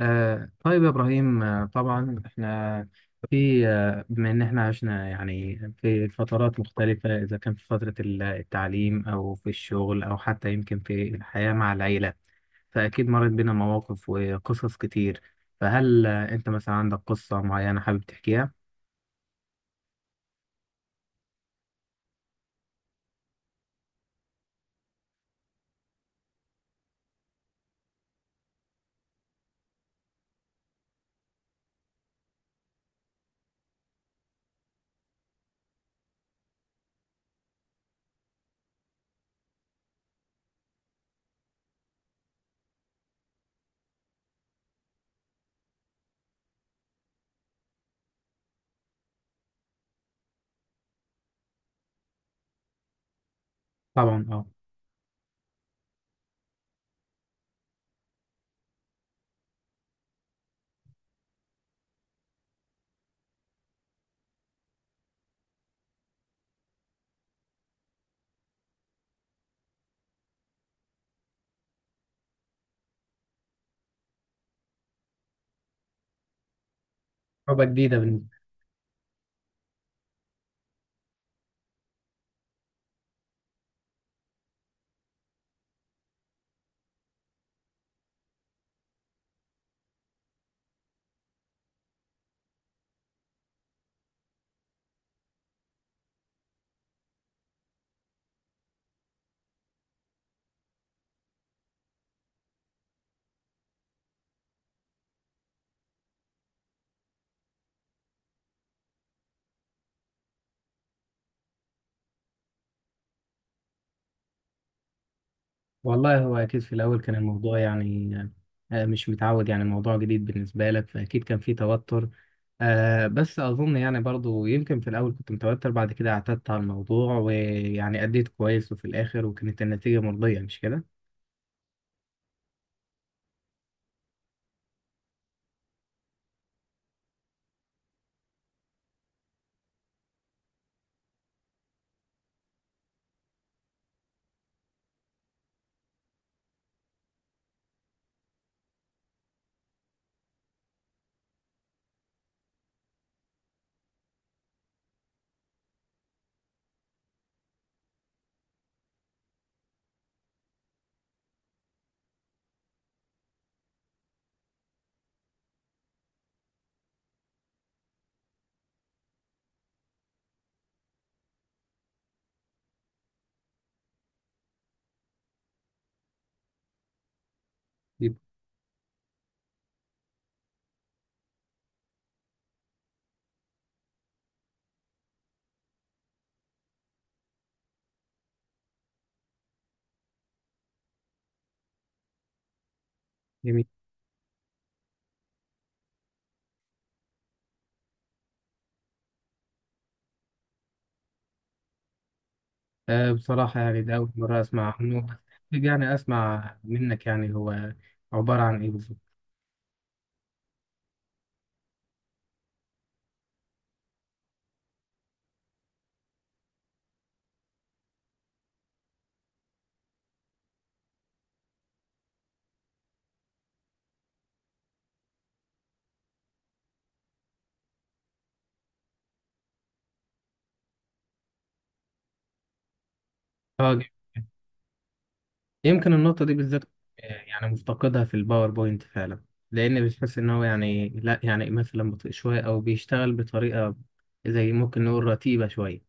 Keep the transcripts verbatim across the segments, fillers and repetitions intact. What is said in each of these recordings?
آه طيب يا إبراهيم، آه طبعا إحنا في آه بما إن إحنا عشنا يعني في فترات مختلفة، إذا كان في فترة ال- التعليم أو في الشغل أو حتى يمكن في الحياة مع العيلة، فأكيد مرت بينا مواقف وقصص كتير. فهل آه أنت مثلا عندك قصة معينة حابب تحكيها؟ طبعا أه. تجربة جديدة. والله هو أكيد في الأول كان الموضوع يعني آه، مش متعود، يعني الموضوع جديد بالنسبة لك، فأكيد كان في توتر. آه، بس أظن يعني برضو يمكن في الأول كنت متوتر، بعد كده اعتدت على الموضوع ويعني أديت كويس وفي الآخر، وكانت النتيجة مرضية مش كده؟ طيب. جميل. آه، بصراحة يعني ده أول مرة أسمع عنه، بس يعني أسمع منك، يعني هو عبارة عن إيه بالظبط؟ آه، جميل. يمكن النقطة دي بالذات آه، يعني مفتقدها في الباوربوينت فعلا، لأن بتحس إن هو يعني لا، يعني مثلا بطيء شوية أو بيشتغل بطريقة زي ممكن نقول رتيبة شوية.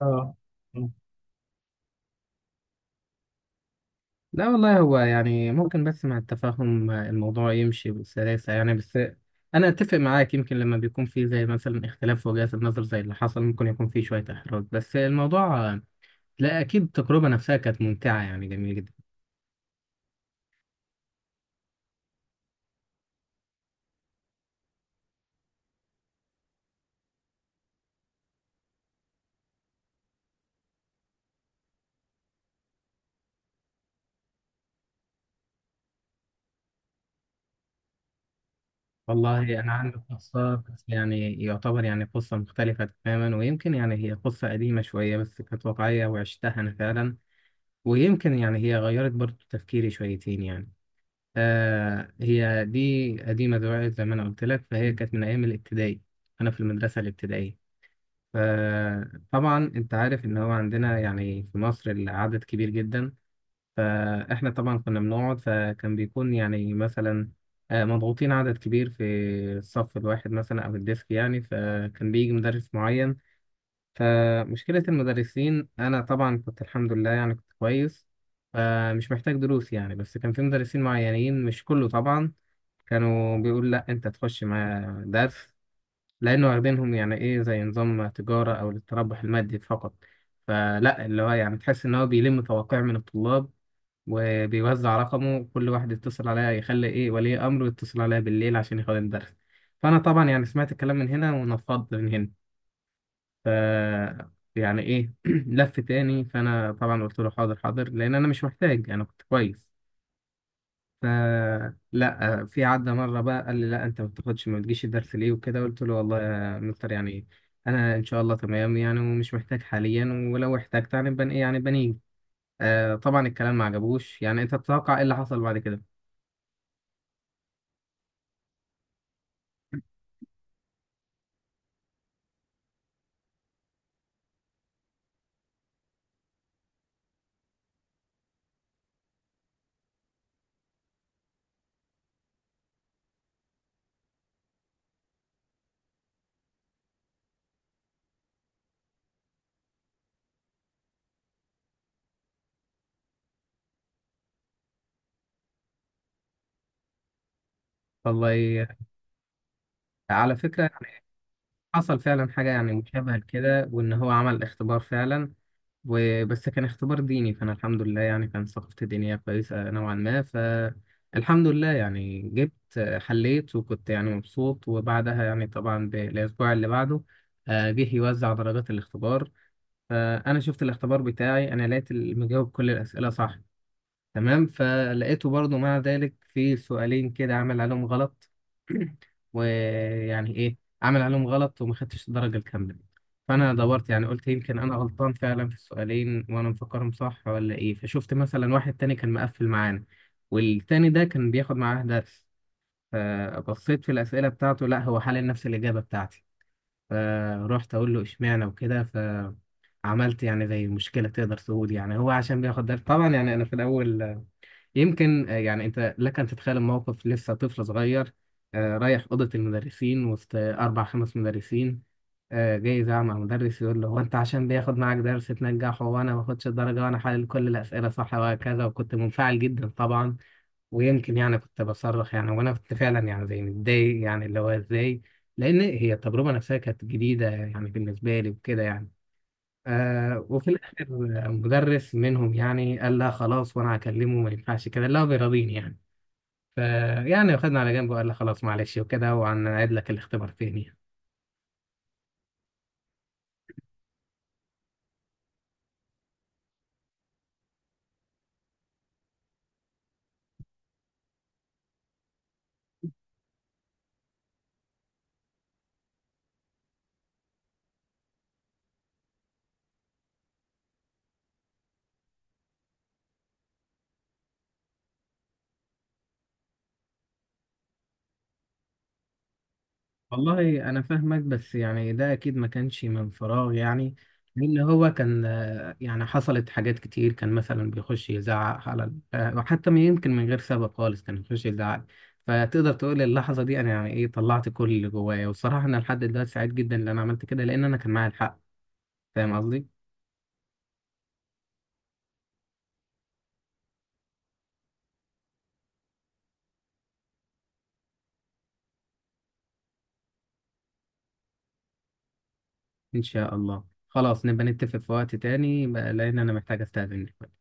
اه. مم. لا والله هو يعني ممكن، بس مع التفاهم الموضوع يمشي بسلاسة يعني. بس أنا أتفق معاك، يمكن لما بيكون في زي مثلا اختلاف في وجهات النظر زي اللي حصل، ممكن يكون في شوية إحراج، بس الموضوع لا، أكيد التجربة نفسها كانت ممتعة يعني، جميلة جدا. والله أنا عندي قصة، بس يعني يعتبر يعني قصة مختلفة تماما، ويمكن يعني هي قصة قديمة شوية بس كانت واقعية وعشتها أنا فعلا. ويمكن يعني هي غيرت برضو تفكيري شويتين يعني. آه، هي دي قديمة دلوقتي زي ما أنا قلت لك، فهي كانت من أيام الابتدائي. أنا في المدرسة الابتدائية، فطبعا أنت عارف إن هو عندنا يعني في مصر العدد كبير جدا. فاحنا طبعا كنا بنقعد، فكان بيكون يعني مثلا آه، مضغوطين، عدد كبير في الصف الواحد مثلا او الديسك يعني. فكان بيجي مدرس معين، فمشكلة المدرسين، انا طبعا كنت الحمد لله يعني كنت كويس، فمش محتاج دروس يعني. بس كان في مدرسين معينين، مش كله طبعا، كانوا بيقول لا انت تخش مع درس، لانه واخدينهم يعني ايه زي نظام تجارة او للتربح المادي فقط. فلا اللي هو يعني تحس ان هو بيلم توقيع من الطلاب وبيوزع رقمه، كل واحد يتصل عليا، يخلي ايه ولي امره يتصل عليا بالليل عشان ياخد الدرس. فانا طبعا يعني سمعت الكلام من هنا ونفضت من هنا. ف يعني ايه لف تاني، فانا طبعا قلت له حاضر حاضر لان انا مش محتاج، انا كنت كويس. ف لا، في عدى مره بقى قال لي لا انت ما بتاخدش، ما بتجيش الدرس ليه وكده. قلت له والله يا مستر يعني انا ان شاء الله تمام يعني، ومش محتاج حاليا، ولو احتجت يعني بن ايه يعني بنيجي. آه طبعا الكلام ما عجبوش. يعني انت تتوقع ايه اللي حصل بعد كده؟ والله ي- على فكرة يعني حصل فعلا حاجة يعني مشابهة لكده، وإن هو عمل اختبار فعلا. وبس كان اختبار ديني، فأنا الحمد لله يعني كان ثقافتي الدينية كويسة نوعا ما، فالحمد لله يعني جبت، آه، حليت وكنت يعني مبسوط. وبعدها يعني طبعا بالأسبوع اللي بعده آه، جه يوزع درجات الاختبار. فأنا شفت الاختبار بتاعي، أنا لقيت المجاوب كل الأسئلة صح، تمام. فلقيته برضو مع ذلك في سؤالين كده عمل عليهم غلط. ويعني ايه، عمل عليهم غلط وما خدتش الدرجة الكاملة. فانا دورت، يعني قلت يمكن انا غلطان فعلا في السؤالين وانا مفكرهم صح ولا ايه. فشفت مثلا واحد تاني كان مقفل معانا والتاني ده كان بياخد معاه درس، فبصيت في الأسئلة بتاعته، لا هو حل نفس الإجابة بتاعتي. فروحت أقول له إشمعنى وكده. ف عملت يعني زي مشكلة، تقدر تقول يعني هو عشان بياخد درس. طبعا يعني أنا في الأول، يمكن آه، يعني انت لك ان تتخيل الموقف، لسه طفل صغير آه، رايح اوضه المدرسين وسط اربع خمس مدرسين، آه، جاي يزعق مع مدرس يقول له هو انت عشان بياخد معاك درس تنجحه وانا ما باخدش الدرجه وانا حلل كل الاسئله صح وهكذا. وكنت منفعل جدا طبعا، ويمكن يعني كنت بصرخ يعني، وانا كنت فعلا يعني زي متضايق يعني، اللي هو ازاي؟ لان هي التجربه نفسها كانت جديده يعني بالنسبه لي وكده يعني. آه، وفي الآخر مدرس منهم يعني قال لها خلاص وأنا هكلمه، ما ينفعش كده، لا بيراضيني يعني. فيعني واخدنا على جنب وقال لها خلاص معلش وكده، وهنعيد لك الاختبار تاني. والله أنا فاهمك، بس يعني ده أكيد ما كانش من فراغ يعني. لأن هو كان آه، يعني حصلت حاجات كتير، كان مثلا بيخش يزعق على ال- آه، وحتى من- يمكن من غير سبب خالص كان بيخش يزعق. فتقدر تقول اللحظة دي أنا يعني إيه طلعت كل اللي جوايا، والصراحة أنا لحد دلوقتي سعيد جدا إن أنا عملت كده، لأن أنا كان معايا الحق. فاهم قصدي؟ إن شاء الله، خلاص نبقى نتفق في وقت تاني بقى، لأن أنا محتاج أستأذن دلوقتي.